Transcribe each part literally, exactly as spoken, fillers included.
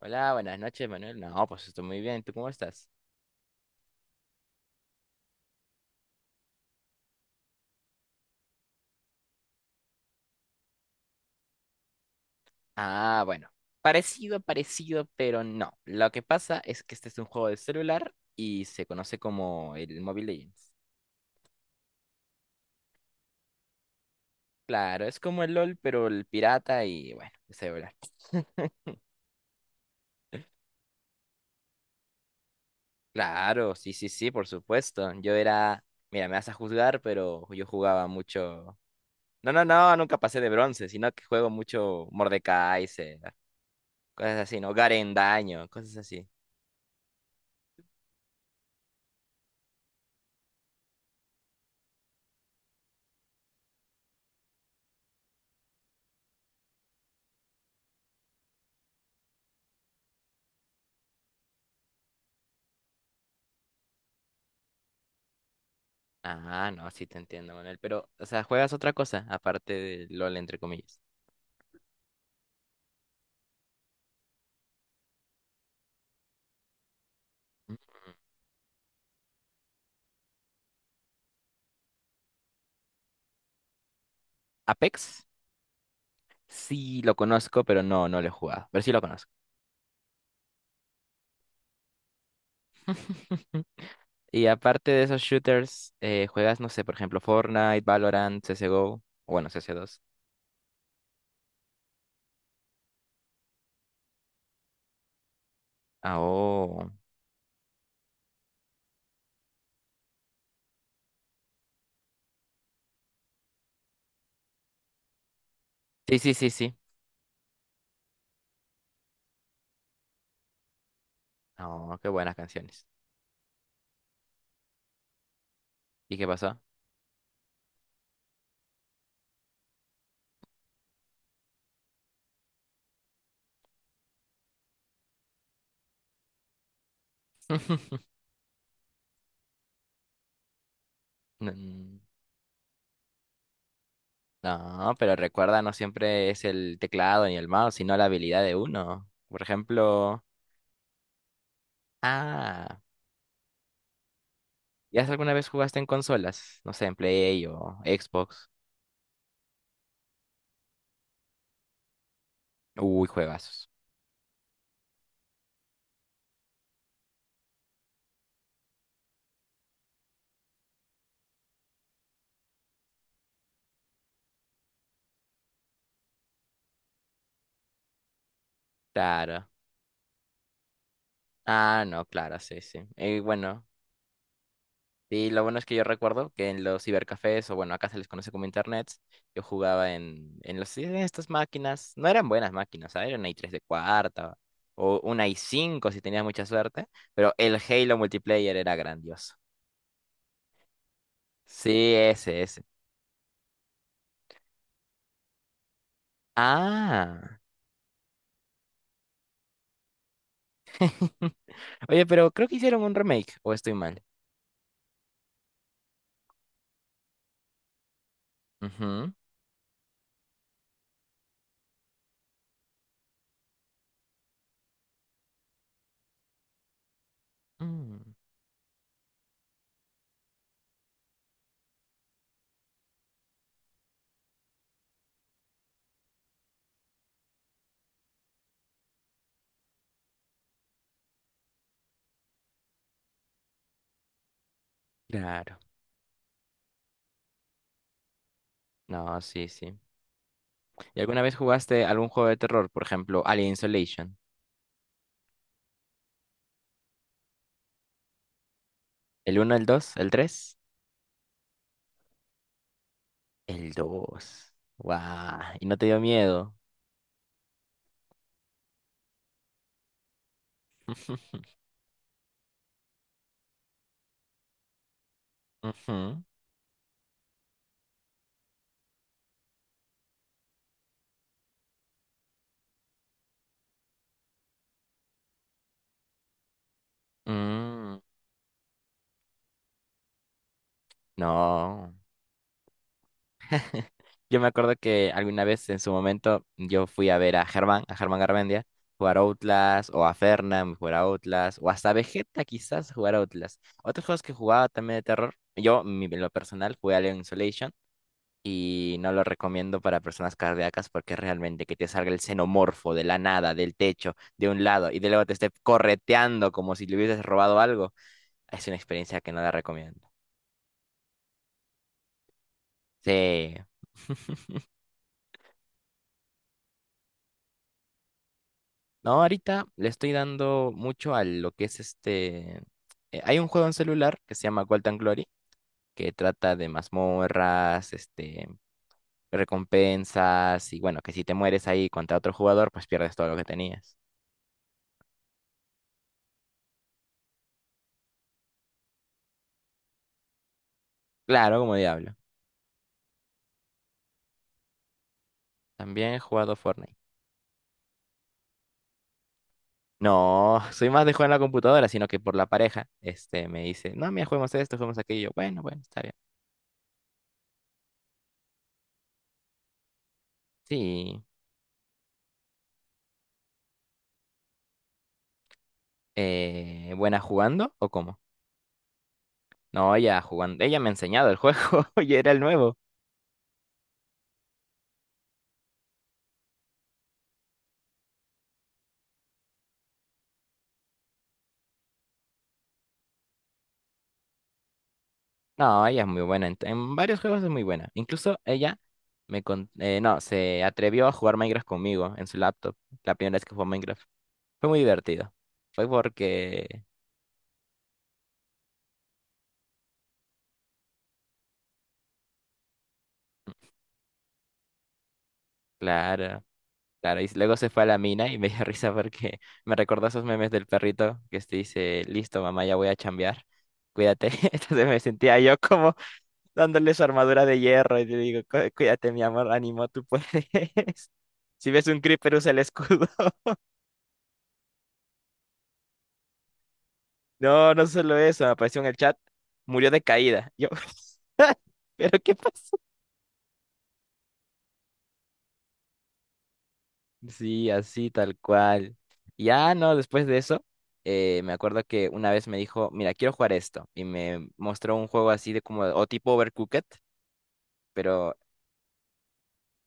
Hola, buenas noches, Manuel. No, pues estoy muy bien. ¿Tú cómo estás? Ah, bueno. Parecido, parecido, pero no. Lo que pasa es que este es un juego de celular y se conoce como el Mobile Legends. Claro, es como el LOL, pero el pirata y bueno, de celular. Claro, sí, sí, sí, por supuesto. Yo era, mira, me vas a juzgar, pero yo jugaba mucho. No, no, no, nunca pasé de bronce, sino que juego mucho Mordekaiser, cosas así, ¿no? Garen Daño, cosas así. Ah, no, sí te entiendo, Manuel. Pero, o sea, ¿juegas otra cosa aparte de LOL, entre comillas? ¿Mm? ¿Apex? Sí, lo conozco, pero no, no lo he jugado. Pero sí lo conozco. Y aparte de esos shooters, eh, ¿juegas, no sé, por ejemplo, Fortnite, Valorant, C S G O? O O bueno, cs dos. Ah, oh. Sí, sí, sí, sí. Oh, qué buenas canciones. ¿Y qué pasó? Mm, no, pero recuerda, no siempre es el teclado ni el mouse, sino la habilidad de uno. Por ejemplo, ah, ¿Ya alguna vez jugaste en consolas? No sé, en Play o Xbox. Uy, juegazos. Claro. Ah, no, claro, sí, sí. Y bueno, y lo bueno es que yo recuerdo que en los cibercafés, o bueno, acá se les conoce como internets, yo jugaba en, en los, en estas máquinas. No eran buenas máquinas, ¿sabes? Era una i tres de cuarta o una i cinco si tenías mucha suerte, pero el Halo multiplayer era grandioso. Sí, ese, ese. Ah. Oye, pero creo que hicieron un remake, o estoy mal. Ujú. Mm, claro. No, sí, sí. ¿Y alguna vez jugaste algún juego de terror? Por ejemplo, Alien Isolation. ¿El uno, el dos, el tres? ¿El dos? ¡Guau! ¿Y no te dio miedo? Ujú. Mm, no. Yo me acuerdo que alguna vez en su momento yo fui a ver a Germán, a Germán Garmendia, jugar Outlast, o a Fernan jugar a Outlast, o hasta Vegeta quizás jugar a Outlast. Otros juegos que jugaba también de terror, yo mi- en lo personal jugué Alien Isolation y no lo recomiendo para personas cardíacas, porque realmente que te salga el xenomorfo de la nada, del techo, de un lado y de luego te esté correteando como si le hubieses robado algo, es una experiencia que no la recomiendo. Sí. No, ahorita le estoy dando mucho a lo que es este… eh, hay un juego en celular que se llama Gold and Glory, que trata de mazmorras, este, recompensas, y bueno, que si te mueres ahí contra otro jugador, pues pierdes todo lo que tenías. Claro, como diablo. También he jugado Fortnite. No, soy más de jugar en la computadora, sino que por la pareja, este, me dice, no, mira, juguemos esto, juguemos aquello. Bueno, bueno, está bien. Sí. Eh, ¿buena jugando o cómo? No, ella jugando, ella me ha enseñado el juego y era el nuevo. No, ella es muy buena, en, en varios juegos es muy buena. Incluso ella me con- eh, no, se atrevió a jugar Minecraft conmigo en su laptop, la primera vez que jugó Minecraft. Fue muy divertido. Fue porque, claro. Claro, y luego se fue a la mina y me dio risa porque me recordó esos memes del perrito que este dice, listo, mamá, ya voy a chambear, cuídate. Entonces me sentía yo como dándole su armadura de hierro y le digo: "Cu- cuídate, mi amor, ánimo, tú puedes." Si ves un creeper, usa el escudo. No, no solo eso, me apareció en el chat: murió de caída. Yo, ¿pero qué pasó? Sí, así tal cual. Ya no, después de eso, eh, me acuerdo que una vez me dijo, mira, quiero jugar esto. Y me mostró un juego así de como, o tipo Overcooked, pero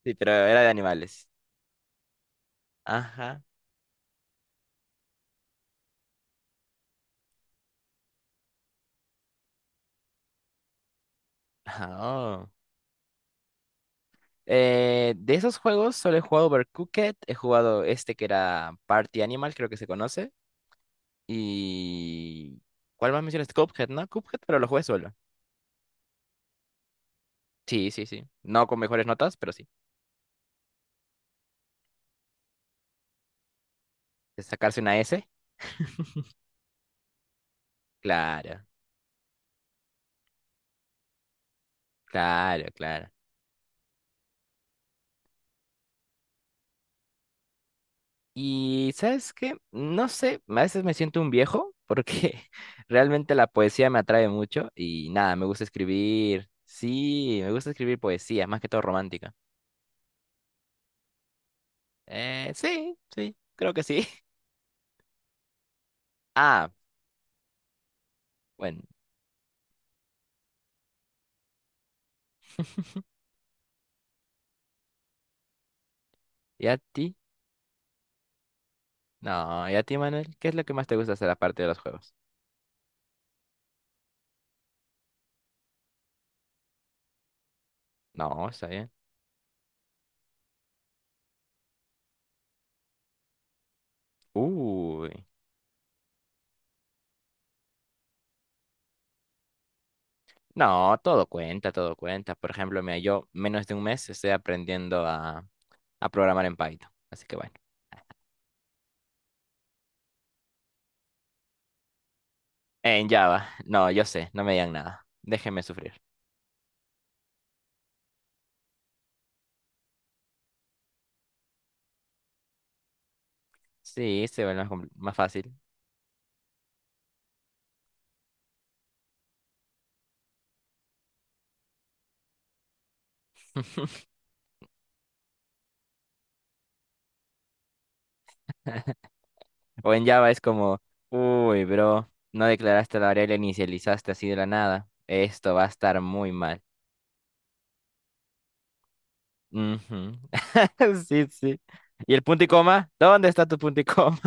sí, pero era de animales. Ajá. Ah, oh. Eh, de esos juegos solo he jugado Overcooked, he jugado este que era Party Animal, creo que se conoce. Y… ¿Cuál más mencionaste? Cuphead, ¿no? Cuphead, pero lo jugué solo. Sí, sí, sí. No con mejores notas, pero sí. De sacarse una S. Claro, claro, claro. Y ¿sabes qué? No sé, a veces me siento un viejo porque realmente la poesía me atrae mucho y nada, me gusta escribir. Sí, me gusta escribir poesía, más que todo romántica. Eh, sí, sí, creo que sí. Ah, bueno, ¿y a ti? No, ¿y a ti, Manuel? ¿Qué es lo que más te gusta hacer aparte de los juegos? No, está bien. Uy. No, todo cuenta, todo cuenta. Por ejemplo, mira, yo menos de un mes estoy aprendiendo a, a programar en Python. Así que bueno. En Java. No, yo sé, no me digan nada. Déjenme sufrir. Sí, se vuelve más, compl- más fácil. O en Java es como, uy, bro, no declaraste la variable, inicializaste así de la nada. Esto va a estar muy mal. Ujú. Sí, sí. ¿Y el punto y coma? ¿Dónde está tu punto y coma?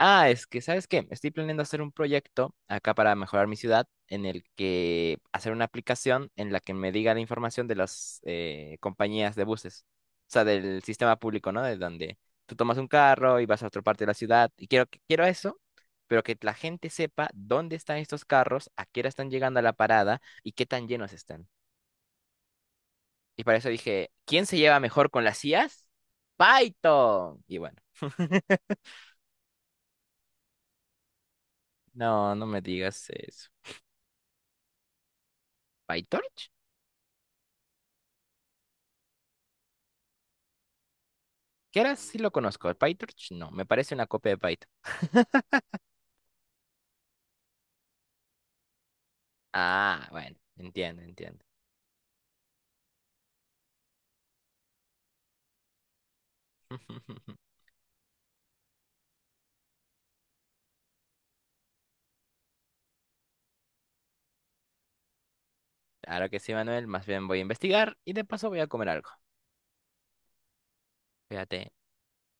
Ah, es que, ¿sabes qué? Estoy planeando hacer un proyecto acá para mejorar mi ciudad, en el que hacer una aplicación en la que me diga la información de las eh, compañías de buses, o sea, del sistema público, ¿no? De donde tú tomas un carro y vas a otra parte de la ciudad. Y quiero, que- quiero eso, pero que la gente sepa dónde están estos carros, a qué hora están llegando a la parada y qué tan llenos están. Y para eso dije, ¿quién se lleva mejor con las I As? Python. Y bueno, no, no me digas eso. ¿PyTorch? Que ahora sí lo conozco. PyTorch no, me parece una copia de Python. Ah, bueno, entiendo, entiendo. Claro que sí, Manuel. Más bien voy a investigar y de paso voy a comer algo. Fíjate.